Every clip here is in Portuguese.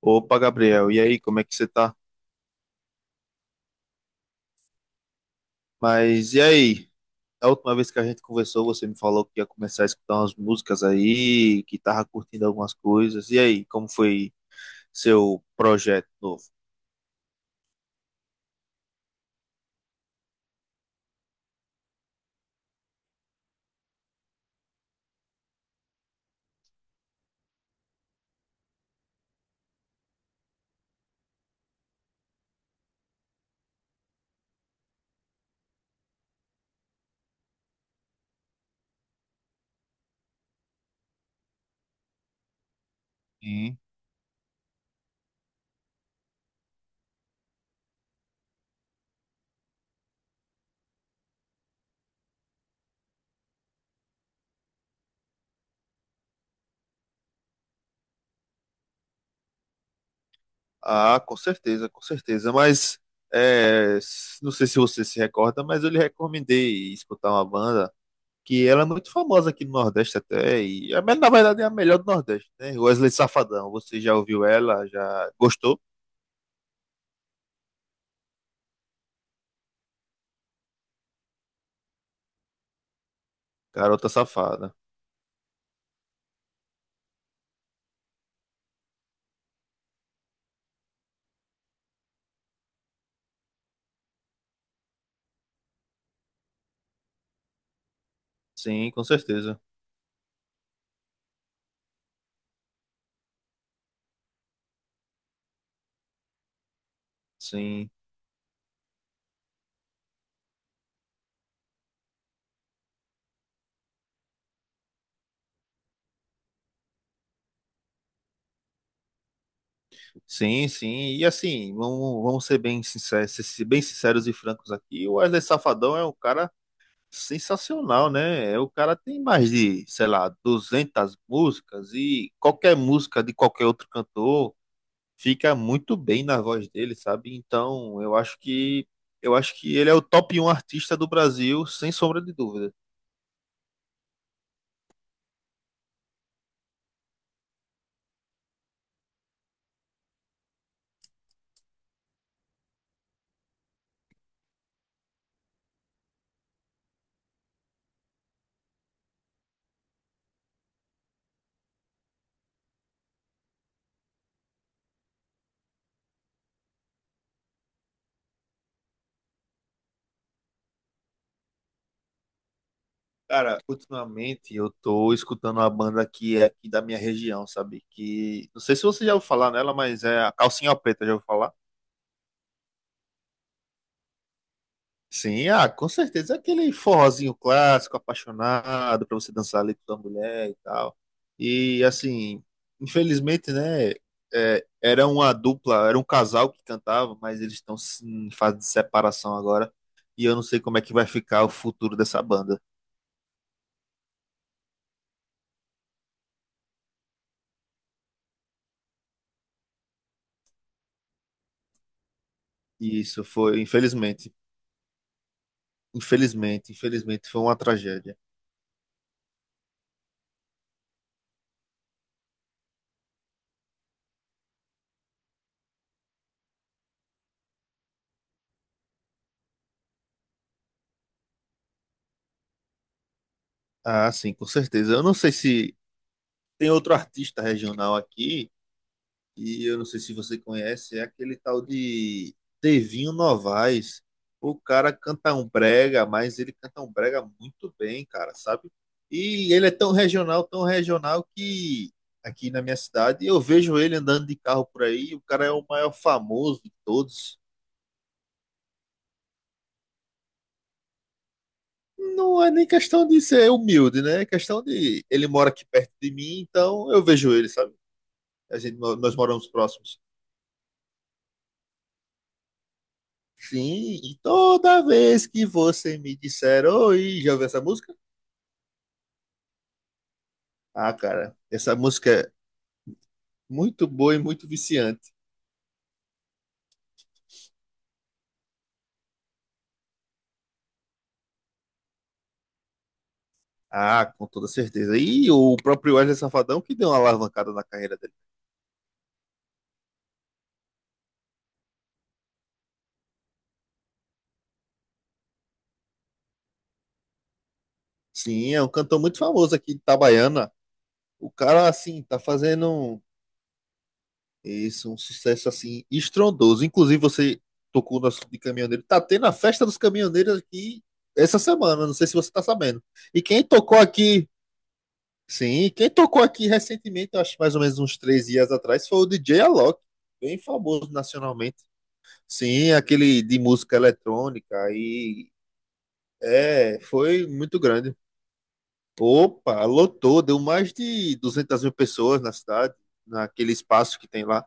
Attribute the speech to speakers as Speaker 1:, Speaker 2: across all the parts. Speaker 1: Opa, Gabriel, e aí, como é que você tá? Mas e aí? A última vez que a gente conversou, você me falou que ia começar a escutar umas músicas aí, que tava curtindo algumas coisas. E aí, como foi seu projeto novo? Sim. Ah, com certeza, com certeza. Mas não sei se você se recorda, mas eu lhe recomendei escutar uma banda que ela é muito famosa aqui no Nordeste até, e na verdade é a melhor do Nordeste, né? Wesley Safadão. Você já ouviu ela? Já gostou? Garota Safada. Sim, com certeza. Sim, sim, sim. E assim, vamos ser bem sinceros, bem sinceros e francos aqui. O Wesley Safadão é um cara sensacional, né? O cara tem mais de, sei lá, 200 músicas e qualquer música de qualquer outro cantor fica muito bem na voz dele, sabe? Então, eu acho que ele é o top um artista do Brasil, sem sombra de dúvida. Cara, ultimamente eu tô escutando uma banda que é aqui da minha região, sabe? Que não sei se você já ouviu falar nela, mas é a Calcinha Preta, já ouviu falar? Sim, ah, com certeza. É aquele forrozinho clássico, apaixonado, pra você dançar ali com a mulher e tal. E assim, infelizmente, né? Era uma dupla, era um casal que cantava, mas eles estão em fase de separação agora. E eu não sei como é que vai ficar o futuro dessa banda. E isso foi, infelizmente. Infelizmente, infelizmente foi uma tragédia. Ah, sim, com certeza. Eu não sei se tem outro artista regional aqui, e eu não sei se você conhece, é aquele tal de Devinho Novaes. O cara canta um brega, mas ele canta um brega muito bem, cara, sabe? E ele é tão regional que aqui na minha cidade eu vejo ele andando de carro por aí, o cara é o maior famoso de todos. Não é nem questão de ser humilde, né? É questão de. Ele mora aqui perto de mim, então eu vejo ele, sabe? Nós moramos próximos. Sim, e toda vez que você me disser, oi, já ouviu essa música? Ah, cara, essa música é muito boa e muito viciante. Ah, com toda certeza. E o próprio Wesley Safadão que deu uma alavancada na carreira dele. Sim, é um cantor muito famoso aqui de Itabaiana. O cara, assim, tá fazendo um isso, um sucesso assim estrondoso. Inclusive, você tocou no assunto de caminhoneiro. Tá tendo a festa dos caminhoneiros aqui essa semana, não sei se você tá sabendo. E quem tocou aqui, sim, quem tocou aqui recentemente, eu acho mais ou menos uns três dias atrás, foi o DJ Alok, bem famoso nacionalmente. Sim, aquele de música eletrônica foi muito grande. Opa, lotou, deu mais de 200 mil pessoas na cidade, naquele espaço que tem lá.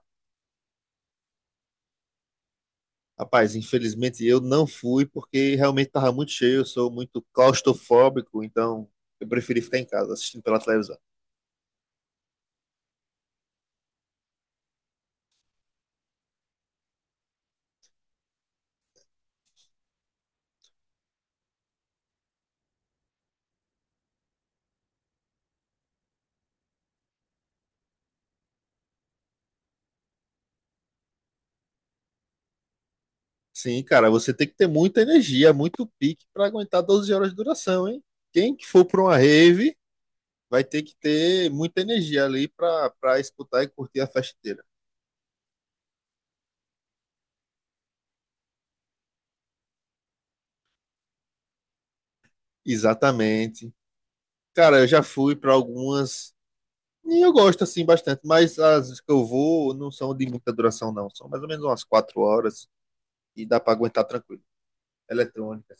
Speaker 1: Rapaz, infelizmente eu não fui porque realmente estava muito cheio, eu sou muito claustrofóbico, então eu preferi ficar em casa assistindo pela televisão. Sim, cara, você tem que ter muita energia, muito pique para aguentar 12 horas de duração, hein? Quem que for para uma rave vai ter que ter muita energia ali para escutar e curtir a festa inteira. Exatamente. Cara, eu já fui para algumas e eu gosto assim bastante, mas as que eu vou não são de muita duração não, são mais ou menos umas 4 horas e dá para aguentar tranquilo. Eletrônicas.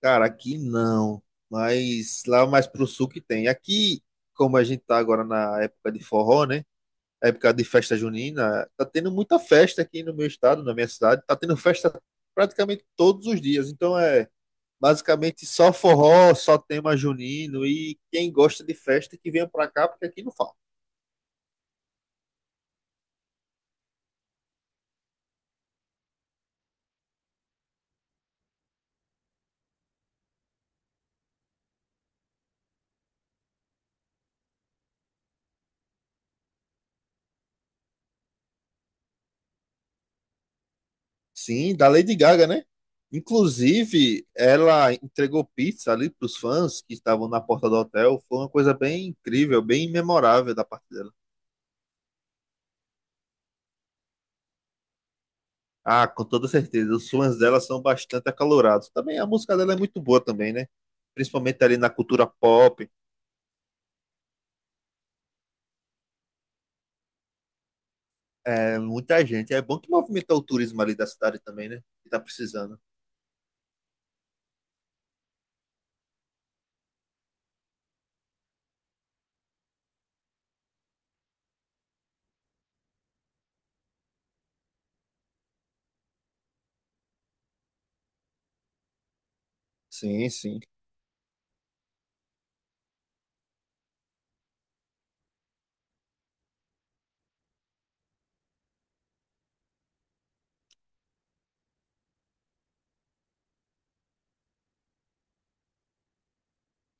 Speaker 1: Cara, aqui não, mas lá mais pro sul que tem. Aqui, como a gente tá agora na época de forró, né? Época de festa junina, tá tendo muita festa aqui no meu estado, na minha cidade, tá tendo festa praticamente todos os dias. Então é basicamente só forró, só tema junino e quem gosta de festa que venha pra cá, porque aqui não falta. Sim, da Lady Gaga, né? Inclusive, ela entregou pizza ali para os fãs que estavam na porta do hotel. Foi uma coisa bem incrível, bem memorável da parte dela. Ah, com toda certeza. Os fãs dela são bastante acalorados. Também a música dela é muito boa também, né? Principalmente ali na cultura pop. É muita gente. É bom que movimenta o turismo ali da cidade também, né? Que tá precisando. Sim, sim.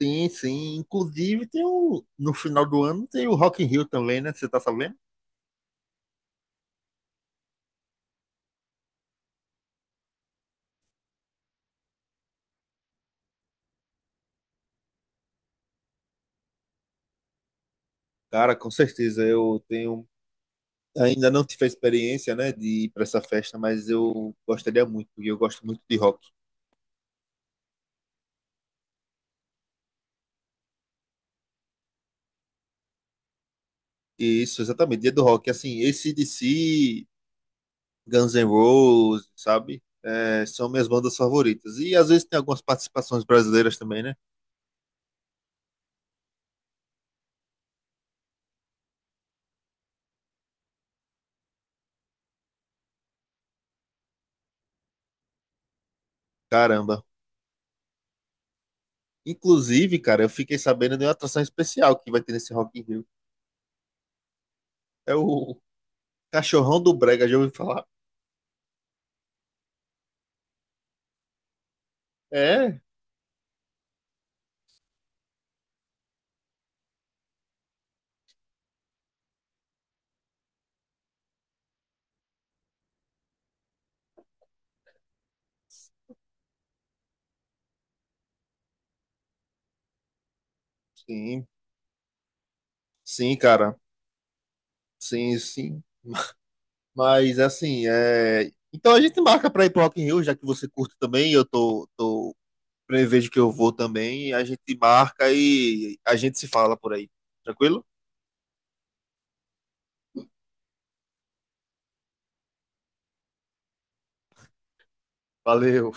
Speaker 1: Sim, sim. Inclusive tem o no final do ano tem o Rock in Rio também, né? Você tá sabendo? Cara, com certeza. Eu tenho Ainda não tive a experiência, né, de ir para essa festa, mas eu gostaria muito, porque eu gosto muito de rock. E isso, exatamente, dia do rock. Assim, AC/DC, Guns N' Roses, sabe? É, são minhas bandas favoritas. E às vezes tem algumas participações brasileiras também, né? Caramba. Inclusive, cara, eu fiquei sabendo de uma atração especial que vai ter nesse Rock in Rio. É o Cachorrão do Brega, já ouvi falar. É, sim, sim, cara. Sim, sim. Então a gente marca para ir pro Rock in Rio, já que você curte também, eu tô, tô prevejo que eu vou também, a gente marca e a gente se fala por aí. Tranquilo? Valeu.